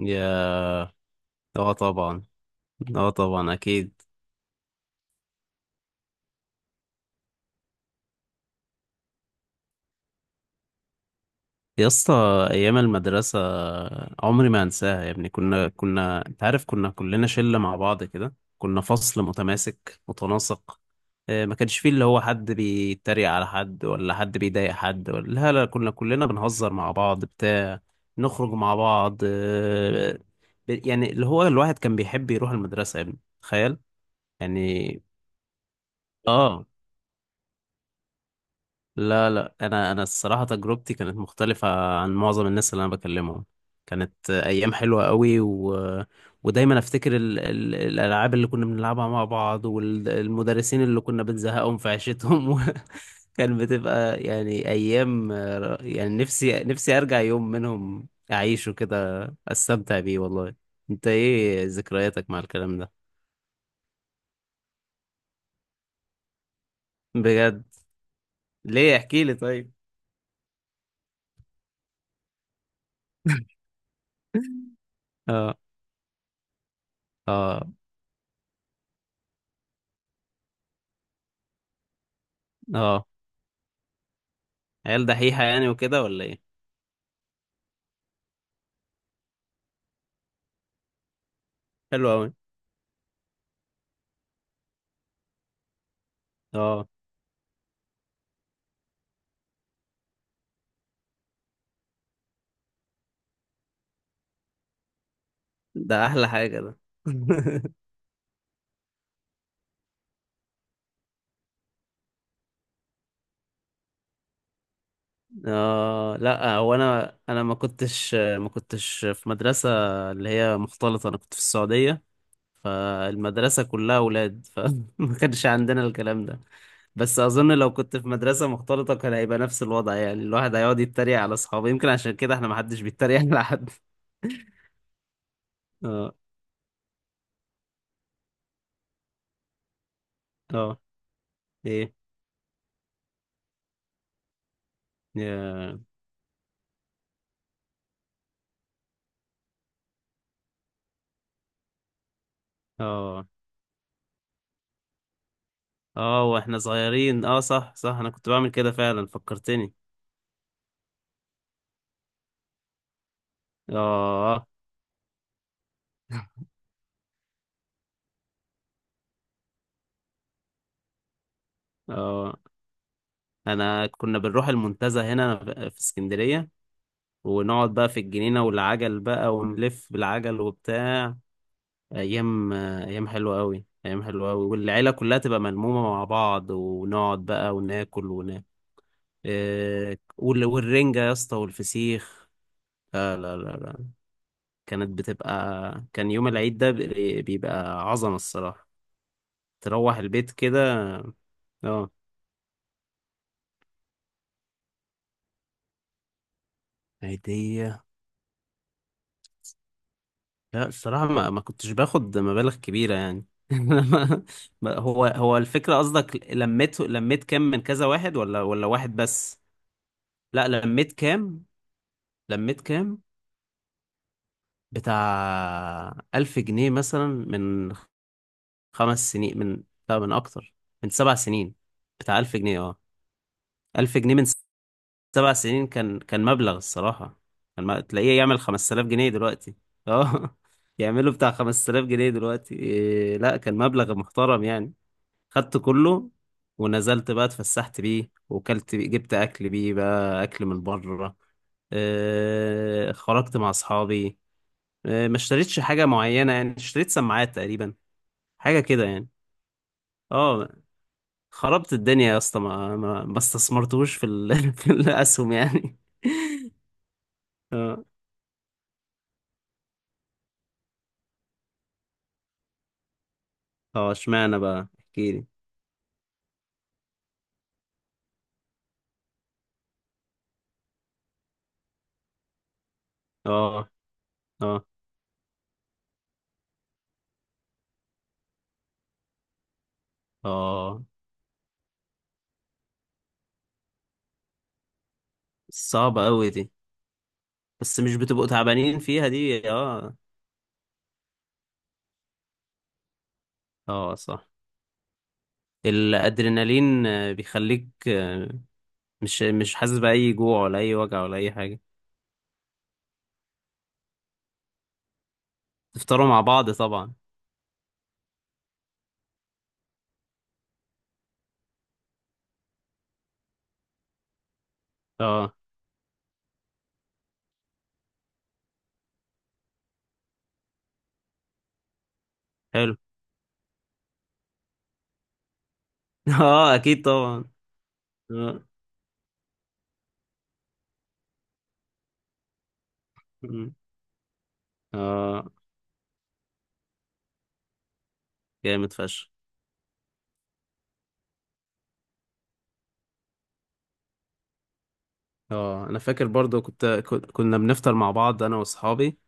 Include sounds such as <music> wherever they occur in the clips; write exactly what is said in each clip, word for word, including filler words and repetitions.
يا اه طبعا. اه طبعا، اكيد. يا اسطى، ايام المدرسه عمري ما انساها يا ابني. كنا كنا انت عارف، كنا كلنا شله مع بعض كده، كنا فصل متماسك متناسق. آه، ما كانش فيه اللي هو حد بيتريق على حد ولا حد بيضايق حد، ولا لا لا، كنا كلنا بنهزر مع بعض بتاع، نخرج مع بعض. آه، ب- يعني اللي هو الواحد كان بيحب يروح المدرسه يا ابني، تخيل يعني. اه، لا لا، انا انا الصراحه تجربتي كانت مختلفه عن معظم الناس اللي انا بكلمهم، كانت ايام حلوه قوي و... ودايما افتكر ال... ال... الالعاب اللي كنا بنلعبها مع بعض، والمدرسين اللي كنا بنزهقهم في عيشتهم. <laughs> و... كان بتبقى يعني ايام يعني، نفسي نفسي ارجع يوم منهم اعيشه كده، استمتع بيه والله. انت ايه ذكرياتك مع الكلام ده؟ بجد؟ ليه؟ احكي لي طيب. <laughs> اه، اه، اه. عيال دحيحة يعني وكده ولا ايه؟ حلو اوي. اه، ده احلى حاجة ده. <laughs> اه، لا هو انا انا ما كنتش ما كنتش في مدرسة اللي هي مختلطة، انا كنت في السعودية، فالمدرسة كلها اولاد، فما <laughs> كانش عندنا الكلام ده. بس اظن لو كنت في مدرسة مختلطة كان هيبقى نفس الوضع، يعني الواحد هيقعد يتريق على اصحابه، يمكن عشان كده احنا ما حدش بيتريق على حد. <laughs> اه، اه، ايه، يا- اه، اه، واحنا صغيرين، اه صح صح، انا كنت بعمل كده فعلا، فكرتني. اه، اه، انا كنا بنروح المنتزه هنا في اسكندرية، ونقعد بقى في الجنينة، والعجل بقى، ونلف بالعجل وبتاع. ايام، ايام حلوة قوي، ايام حلوة قوي، والعيلة كلها تبقى ملمومة مع بعض، ونقعد بقى وناكل وناكل. إيه، وال- والرنجة يا اسطى والفسيخ، لا لا لا لا. كانت بتبقى كان يوم العيد ده بيبقى عظمة الصراحة، تروح البيت كده. اه. هدية؟ لا الصراحة ما, ما كنتش باخد مبالغ كبيرة يعني. <laughs> ما- هو هو الفكرة قصدك، لميت لميت كام من كذا واحد، ولا ولا واحد بس. لا، لميت كام لميت كام بتاع ألف جنيه مثلا، من خمس سنين. من، لا، من أكتر، من سبع سنين بتاع، ألف جنيه اه. ألف جنيه من سبع سنين، كان كان مبلغ الصراحة، كان ما... تلاقيه يعمل خمسة آلاف جنيه دلوقتي. اه، <laughs> يعمله بتاع خمس تلاف جنيه دلوقتي. إيه... لا كان مبلغ محترم يعني. خدت كله، ونزلت بقى اتفسحت بيه، وكلت بيه، جبت أكل بيه بقى، أكل من بره. إيه... خرجت مع أصحابي. إيه... ما اشتريتش حاجة معينة يعني، اشتريت سماعات تقريبا، حاجة كده يعني. اه، خربت الدنيا يا اسطى، ما ما ما استثمرتوش في ال... <laughs> في الأسهم يعني. اه. اه، اشمعنى بقى؟ احكيلي. اه، اه، اه، صعبة قوي دي. بس مش بتبقوا تعبانين فيها دي؟ اه. اه صح. الادرينالين آه، بيخليك، آه، مش مش حاسس بأي جوع ولا أي وجع ولا أي حاجة. تفطروا مع بعض طبعا. اه. حلو. <laughs> اه، أكيد طبعا. اه. مم. آه، جامد فشخ. اه، أنا فاكر برضو، كنت كن- كنا بنفطر مع بعض أنا وأصحابي.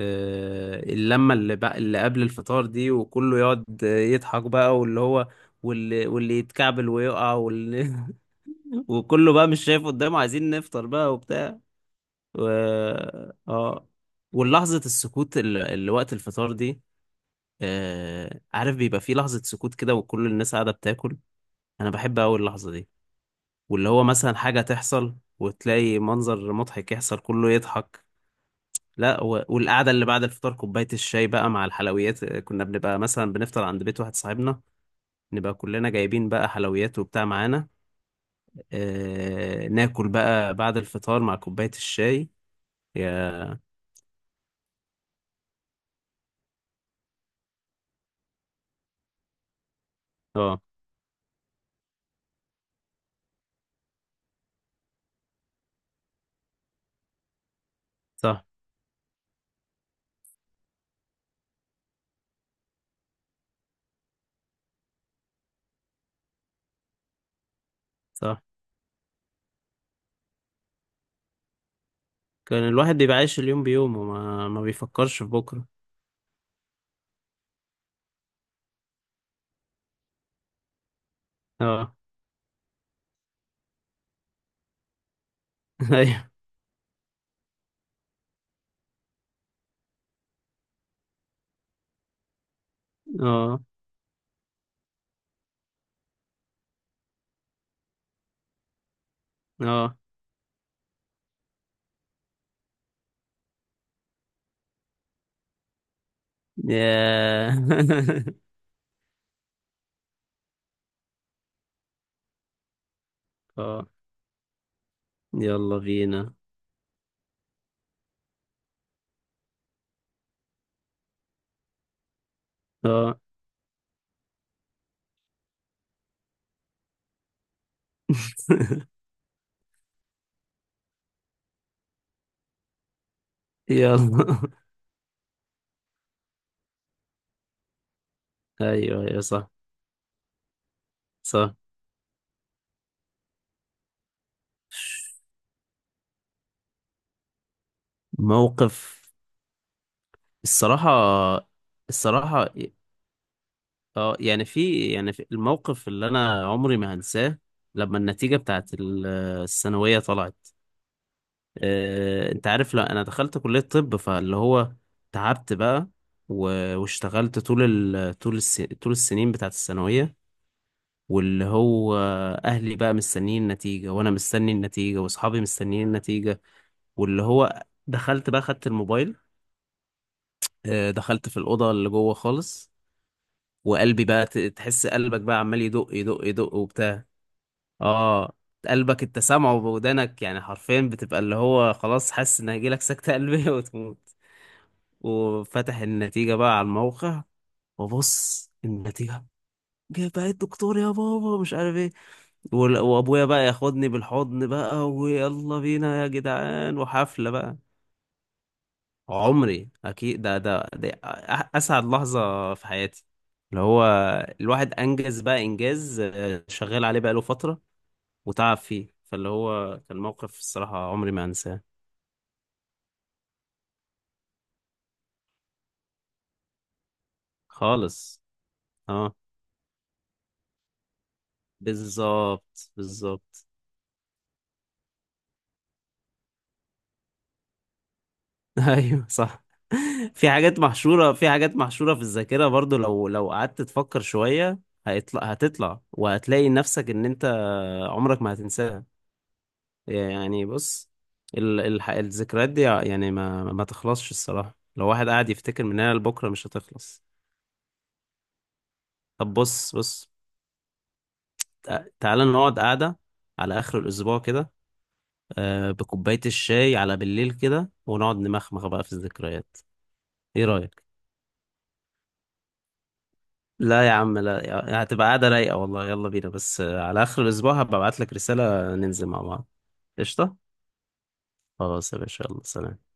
آه، اللمة اللي بقى اللي قبل الفطار دي، وكله يقعد يضحك بقى، واللي هو، واللي واللي يتكعبل ويقع، واللي <laughs> وكله بقى مش شايف قدامه، عايزين نفطر بقى وبتاع و... اه. واللحظة السكوت اللي اللي وقت الفطار دي، آه عارف بيبقى في لحظة سكوت كده، وكل الناس قاعدة بتاكل، أنا بحب أوي اللحظة دي، واللي هو مثلا حاجة تحصل وتلاقي منظر مضحك يحصل، كله يضحك. لا، و- والقعدة اللي بعد الفطار، كوباية الشاي بقى مع الحلويات، آه، كنا بنبقى مثلا بنفطر عند بيت واحد صاحبنا، نبقى كلنا جايبين بقى حلويات وبتاع معانا، آه ناكل بقى بعد الفطار مع كوباية الشاي. يا اه صح صح. كان الواحد بيبقى عايش اليوم بيومه، وما ما بيفكرش في بكرة. اه. <laughs> ايوه. اه، اه، يا <laughs> اه، يلا بينا. اه <laughs> يلا <laughs> ايوه، ايوه، صح صح. موقف؟ الصراحة، الصراحة، اه، يعني في يعني في الموقف اللي أنا عمري ما هنساه، لما النتيجة بتاعت ال- الثانوية طلعت. آه، أنت عارف، لا أنا دخلت كلية طب، فاللي هو تعبت بقى و- واشتغلت طول ال... طول الس... طول السنين بتاعت الثانوية، واللي هو أهلي بقى مستنيين النتيجة، وأنا مستني النتيجة، وأصحابي مستنيين النتيجة، واللي هو دخلت بقى، خدت الموبايل. آه، دخلت في الأوضة اللي جوه خالص، وقلبي بقى ت- تحس قلبك بقى عمال يدق يدق يدق وبتاع. اه، قلبك انت سامعه بودانك يعني حرفيا، بتبقى اللي هو خلاص حاسس ان هيجيلك سكتة قلبية <laughs> وتموت. وفتح النتيجة بقى على الموقع، وبص النتيجة، جايبها الدكتور يا بابا مش عارف ايه، وال- وابويا بقى ياخدني بالحضن بقى، ويلا بينا يا جدعان، وحفلة بقى. عمري اكيد، ده ده, ده أ- اسعد لحظه في حياتي، اللي هو الواحد انجز بقى انجاز، آه، شغال عليه بقاله فتره، وتعب فيه، فاللي هو كان موقف الصراحه عمري ما انساه خالص. اه بالظبط بالظبط. <laughs> ايوه صح. في حاجات محشوره في حاجات محشوره في الذاكره برضو، لو لو قعدت تفكر شويه، هيطلع هتطلع وهتلاقي نفسك ان انت عمرك ما هتنساها. يعني بص، ال الح- الذكريات دي يعني ما ما تخلصش الصراحة، لو واحد قاعد يفتكر من هنا لبكرة مش هتخلص. طب بص بص، تع- تعالى نقعد قعدة على آخر الأسبوع كده، آه، بكوباية الشاي على بالليل كده، ونقعد نمخمخ بقى في الذكريات. ايه رأيك؟ لا يا عم، لا يا- هتبقى قعدة رايقة والله. يلا بينا بس، آه، على آخر الأسبوع هبقى أبعت لك رسالة ننزل مع بعض. قشطة؟ خلاص يا باشا، يلا سلام.